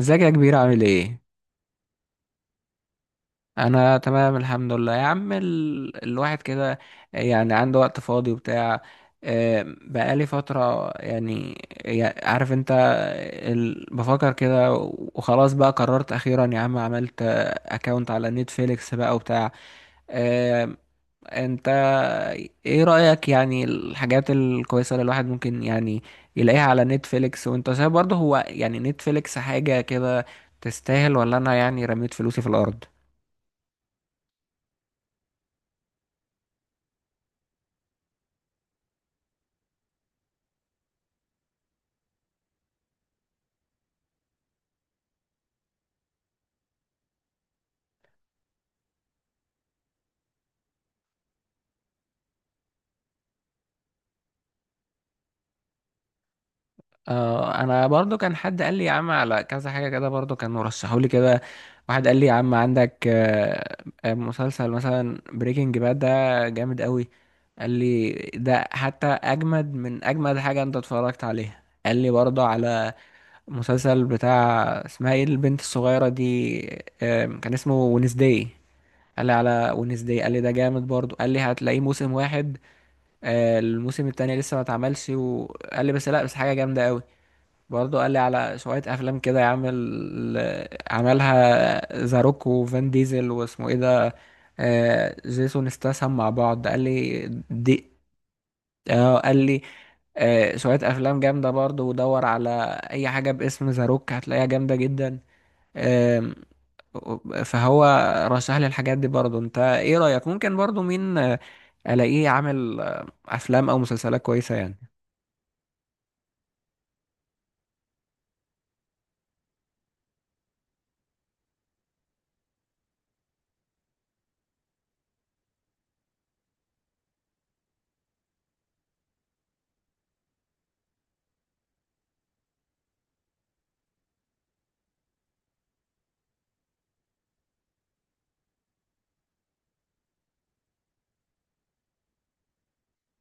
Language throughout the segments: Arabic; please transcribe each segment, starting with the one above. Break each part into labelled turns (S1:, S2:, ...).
S1: ازيك يا كبير، عامل ايه؟ انا تمام الحمد لله يا عم. الواحد كده يعني عنده وقت فاضي وبتاع. بقالي فترة يعني. عارف انت، بفكر كده. وخلاص بقى قررت اخيرا يا عم، عملت اكونت على نتفليكس بقى وبتاع. آه، انت ايه رأيك يعني؟ الحاجات الكويسة اللي الواحد ممكن يعني يلاقيها على نتفليكس، وانت شايف برضه هو يعني نتفليكس حاجة كده تستاهل، ولا انا يعني رميت فلوسي في الارض؟ انا برضه كان حد قال لي يا عم على كذا حاجة كده، برضه كان مرشحوا لي كده. واحد قال لي يا عم عندك، مسلسل مثلا بريكنج باد ده جامد قوي. قال لي ده حتى اجمد من اجمد حاجة انت اتفرجت عليها. قال لي برضه على مسلسل بتاع اسمها ايه البنت الصغيرة دي، كان اسمه ونسداي. قال لي على ونسداي، قال لي ده جامد برضو، قال لي هتلاقيه موسم واحد. الموسم التاني لسه ما اتعملش، وقال لي بس لا بس حاجة جامدة قوي. برضو قال لي على شوية أفلام كده يعمل، عملها زاروك وفان ديزل واسمه ايه ده، جيسون استاثام، مع بعض. قال لي دي. اه، قال لي، شوية أفلام جامدة برضو، ودور على أي حاجة باسم زاروك هتلاقيها جامدة جدا. آم، فهو رشح لي الحاجات دي. برضو انت ايه رأيك؟ ممكن برضو مين الاقيه عامل افلام او مسلسلات كويسة يعني؟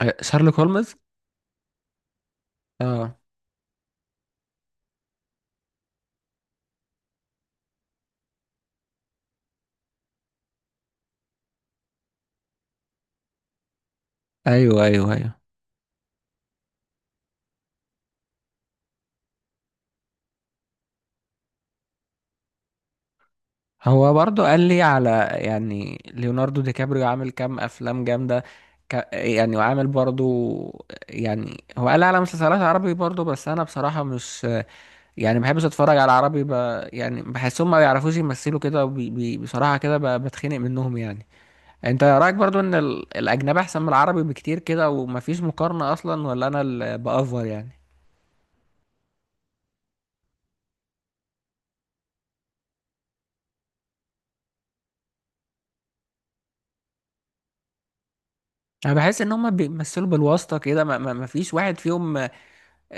S1: شارلوك هولمز. اه. ايوه ايوه ايوه. هو برضو قال لي على، يعني، ليوناردو دي كابريو عامل كام افلام جامدة، يعني، وعامل برضو، يعني هو قال لي على مسلسلات عربي برضو، بس انا بصراحة مش، يعني، ما بحبش اتفرج على عربي. يعني بحسهم ما بيعرفوش يمثلوا كده، بصراحة كده بتخنق منهم يعني. انت رايك برضو ان الاجنبي احسن من العربي بكتير كده، ومفيش مقارنه اصلا، ولا انا اللي بافور يعني؟ انا بحس ان هما بيمثلوا بالواسطه كده، مفيش واحد فيهم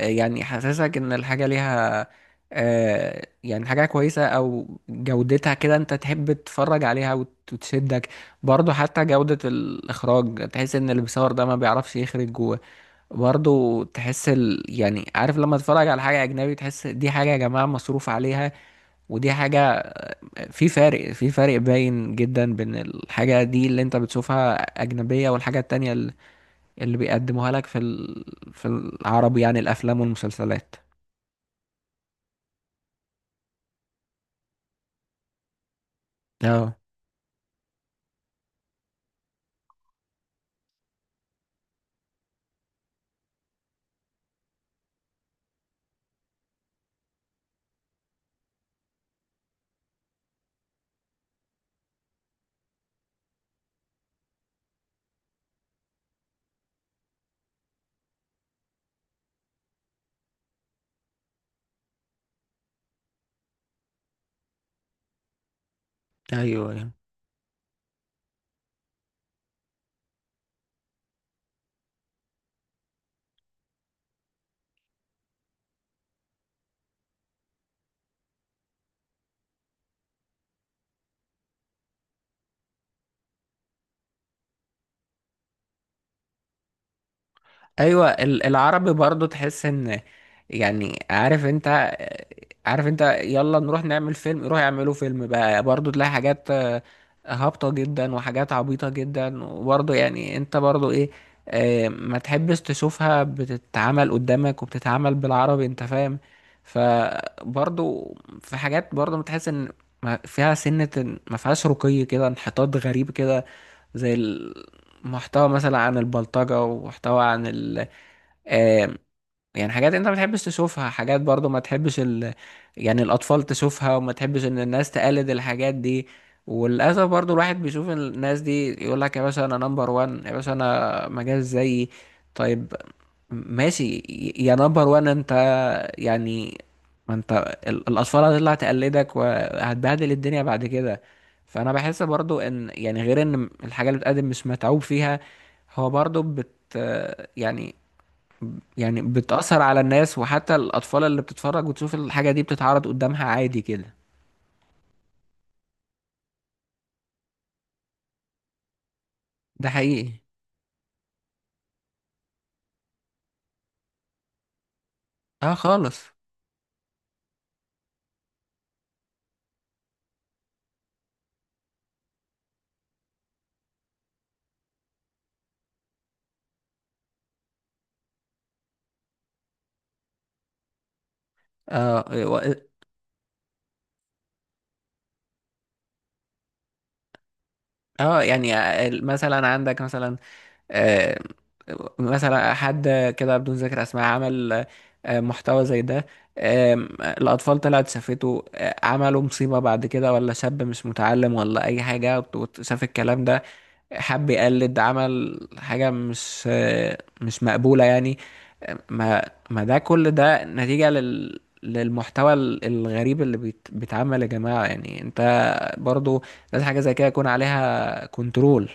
S1: يعني حاسسك ان الحاجه ليها يعني حاجه كويسه، او جودتها كده انت تحب تتفرج عليها وتشدك. برضو حتى جوده الاخراج، تحس ان اللي بيصور ده ما بيعرفش يخرج جوه. برضو تحس يعني عارف، لما تتفرج على حاجه اجنبي تحس دي حاجه يا جماعه مصروف عليها، ودي حاجة. في فارق باين جدا بين الحاجة دي اللي انت بتشوفها أجنبية، والحاجة التانية اللي بيقدموها لك في العربي، يعني الأفلام والمسلسلات. اه، ايوه ايوه. العربي برضو تحس ان، يعني عارف انت، عارف انت، يلا نروح نعمل فيلم، يروح يعملوا فيلم بقى. برضو تلاقي حاجات هابطة جدا، وحاجات عبيطة جدا، وبرضو يعني انت برضو ايه، ما تحبش تشوفها بتتعمل قدامك، وبتتعمل بالعربي، انت فاهم؟ فبرضو في حاجات برضو بتحس ان فيها سنة، ما فيهاش رقي كده، انحطاط غريب كده. زي المحتوى مثلا عن البلطجة، ومحتوى عن ال، آه، يعني حاجات انت ما تحبش تشوفها، حاجات برضو ما تحبش يعني الاطفال تشوفها، وما تحبش ان الناس تقلد الحاجات دي. وللاسف برضو الواحد بيشوف الناس دي يقول لك يا باشا انا نمبر وان، يا باشا انا ما جاش زيي. طيب، ماشي، يا نمبر وان انت، يعني، ما انت الاطفال هتطلع تقلدك، وهتبهدل الدنيا بعد كده. فانا بحس برضو ان، يعني غير ان الحاجه اللي بتقدم مش متعوب فيها، هو برضو يعني يعني بتأثر على الناس، وحتى الأطفال اللي بتتفرج، وتشوف الحاجة دي بتتعرض قدامها عادي كده. ده حقيقي. اه، خالص. اه، اه، يعني مثلا عندك، مثلا آه مثلا حد كده بدون ذكر اسماء عمل محتوى زي ده. الأطفال طلعت شافته، عملوا مصيبة بعد كده، ولا شاب مش متعلم ولا أي حاجة، شاف الكلام ده، حب يقلد، عمل حاجة مش مقبولة يعني. ما ما ده كل ده نتيجة للمحتوى الغريب اللي بيتعمل يا جماعة. يعني انت برضو لازم حاجة زي كده يكون عليها كنترول.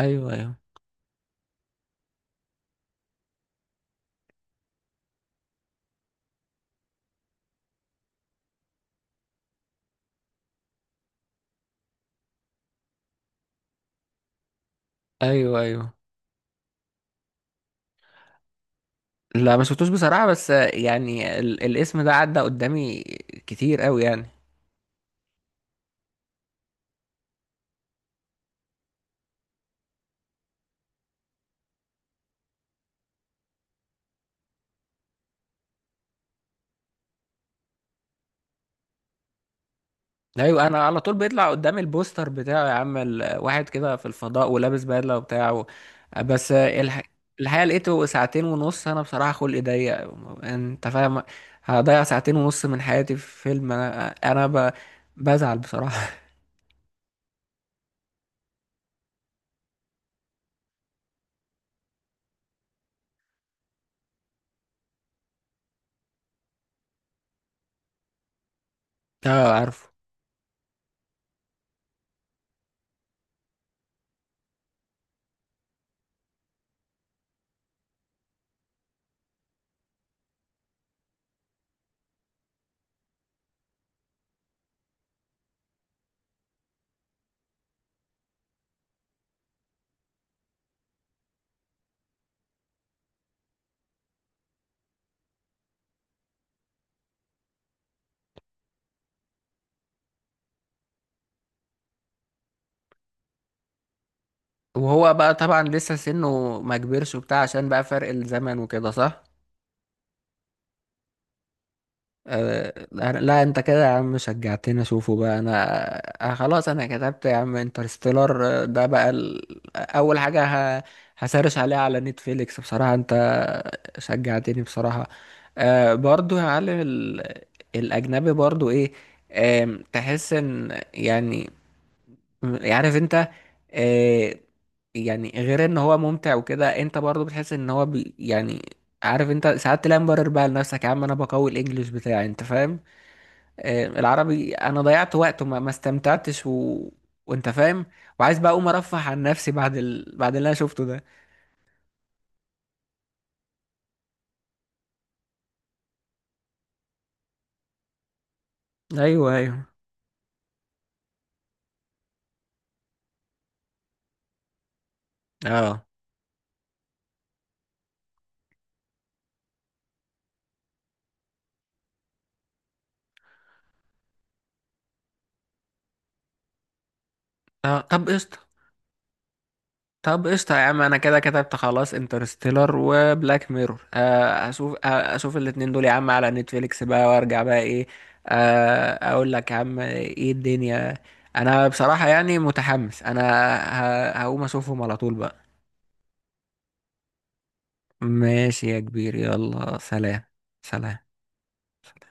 S1: ايوه ايوه ايوه. ايوه. لا، ما شفتوش بصراحة، بس يعني الاسم ده عدى قدامي كتير قوي يعني. ايوه، انا على طول بيطلع قدامي البوستر بتاعه يا عم، واحد كده في الفضاء، ولابس بدله وبتاعه. بس الحقيقه لقيته ساعتين ونص، انا بصراحه خلقي ضيق، انت فاهم، هضيع ساعتين ونص من حياتي في فيلم، انا بزعل بصراحه اه، عارفه. وهو بقى طبعا لسه سنه ما كبرش وبتاع، عشان بقى فرق الزمن وكده، صح؟ أه، لا لا، انت كده يا عم شجعتني اشوفه بقى انا. أه، خلاص، انا كتبت يا عم انترستيلر. ده بقى اول حاجة ه... هسرش عليها على نتفليكس بصراحة، انت شجعتني بصراحة. برضو يا معلم، الاجنبي برضو ايه، تحس ان، يعني، عارف انت، أه، يعني غير ان هو ممتع وكده، انت برضو بتحس ان هو يعني، عارف انت، ساعات تلاقي مبرر بقى لنفسك، يا عم انا بقوي الانجليش بتاعي، انت فاهم؟ العربي، انا ضيعت وقت وما ما استمتعتش، وانت فاهم، وعايز بقى اقوم ارفه عن نفسي بعد بعد اللي انا شفته ده. ايوه ايوه. اه. طب قشطة. طب قشطة يا عم، انا كده كتبت خلاص انترستيلر وبلاك ميرور. اشوف الاتنين دول يا عم على نتفليكس بقى، وارجع بقى ايه، اقول لك يا عم ايه الدنيا. انا بصراحة يعني متحمس، انا هقوم اشوفهم على طول بقى. ماشي يا كبير، يلا سلام. سلام.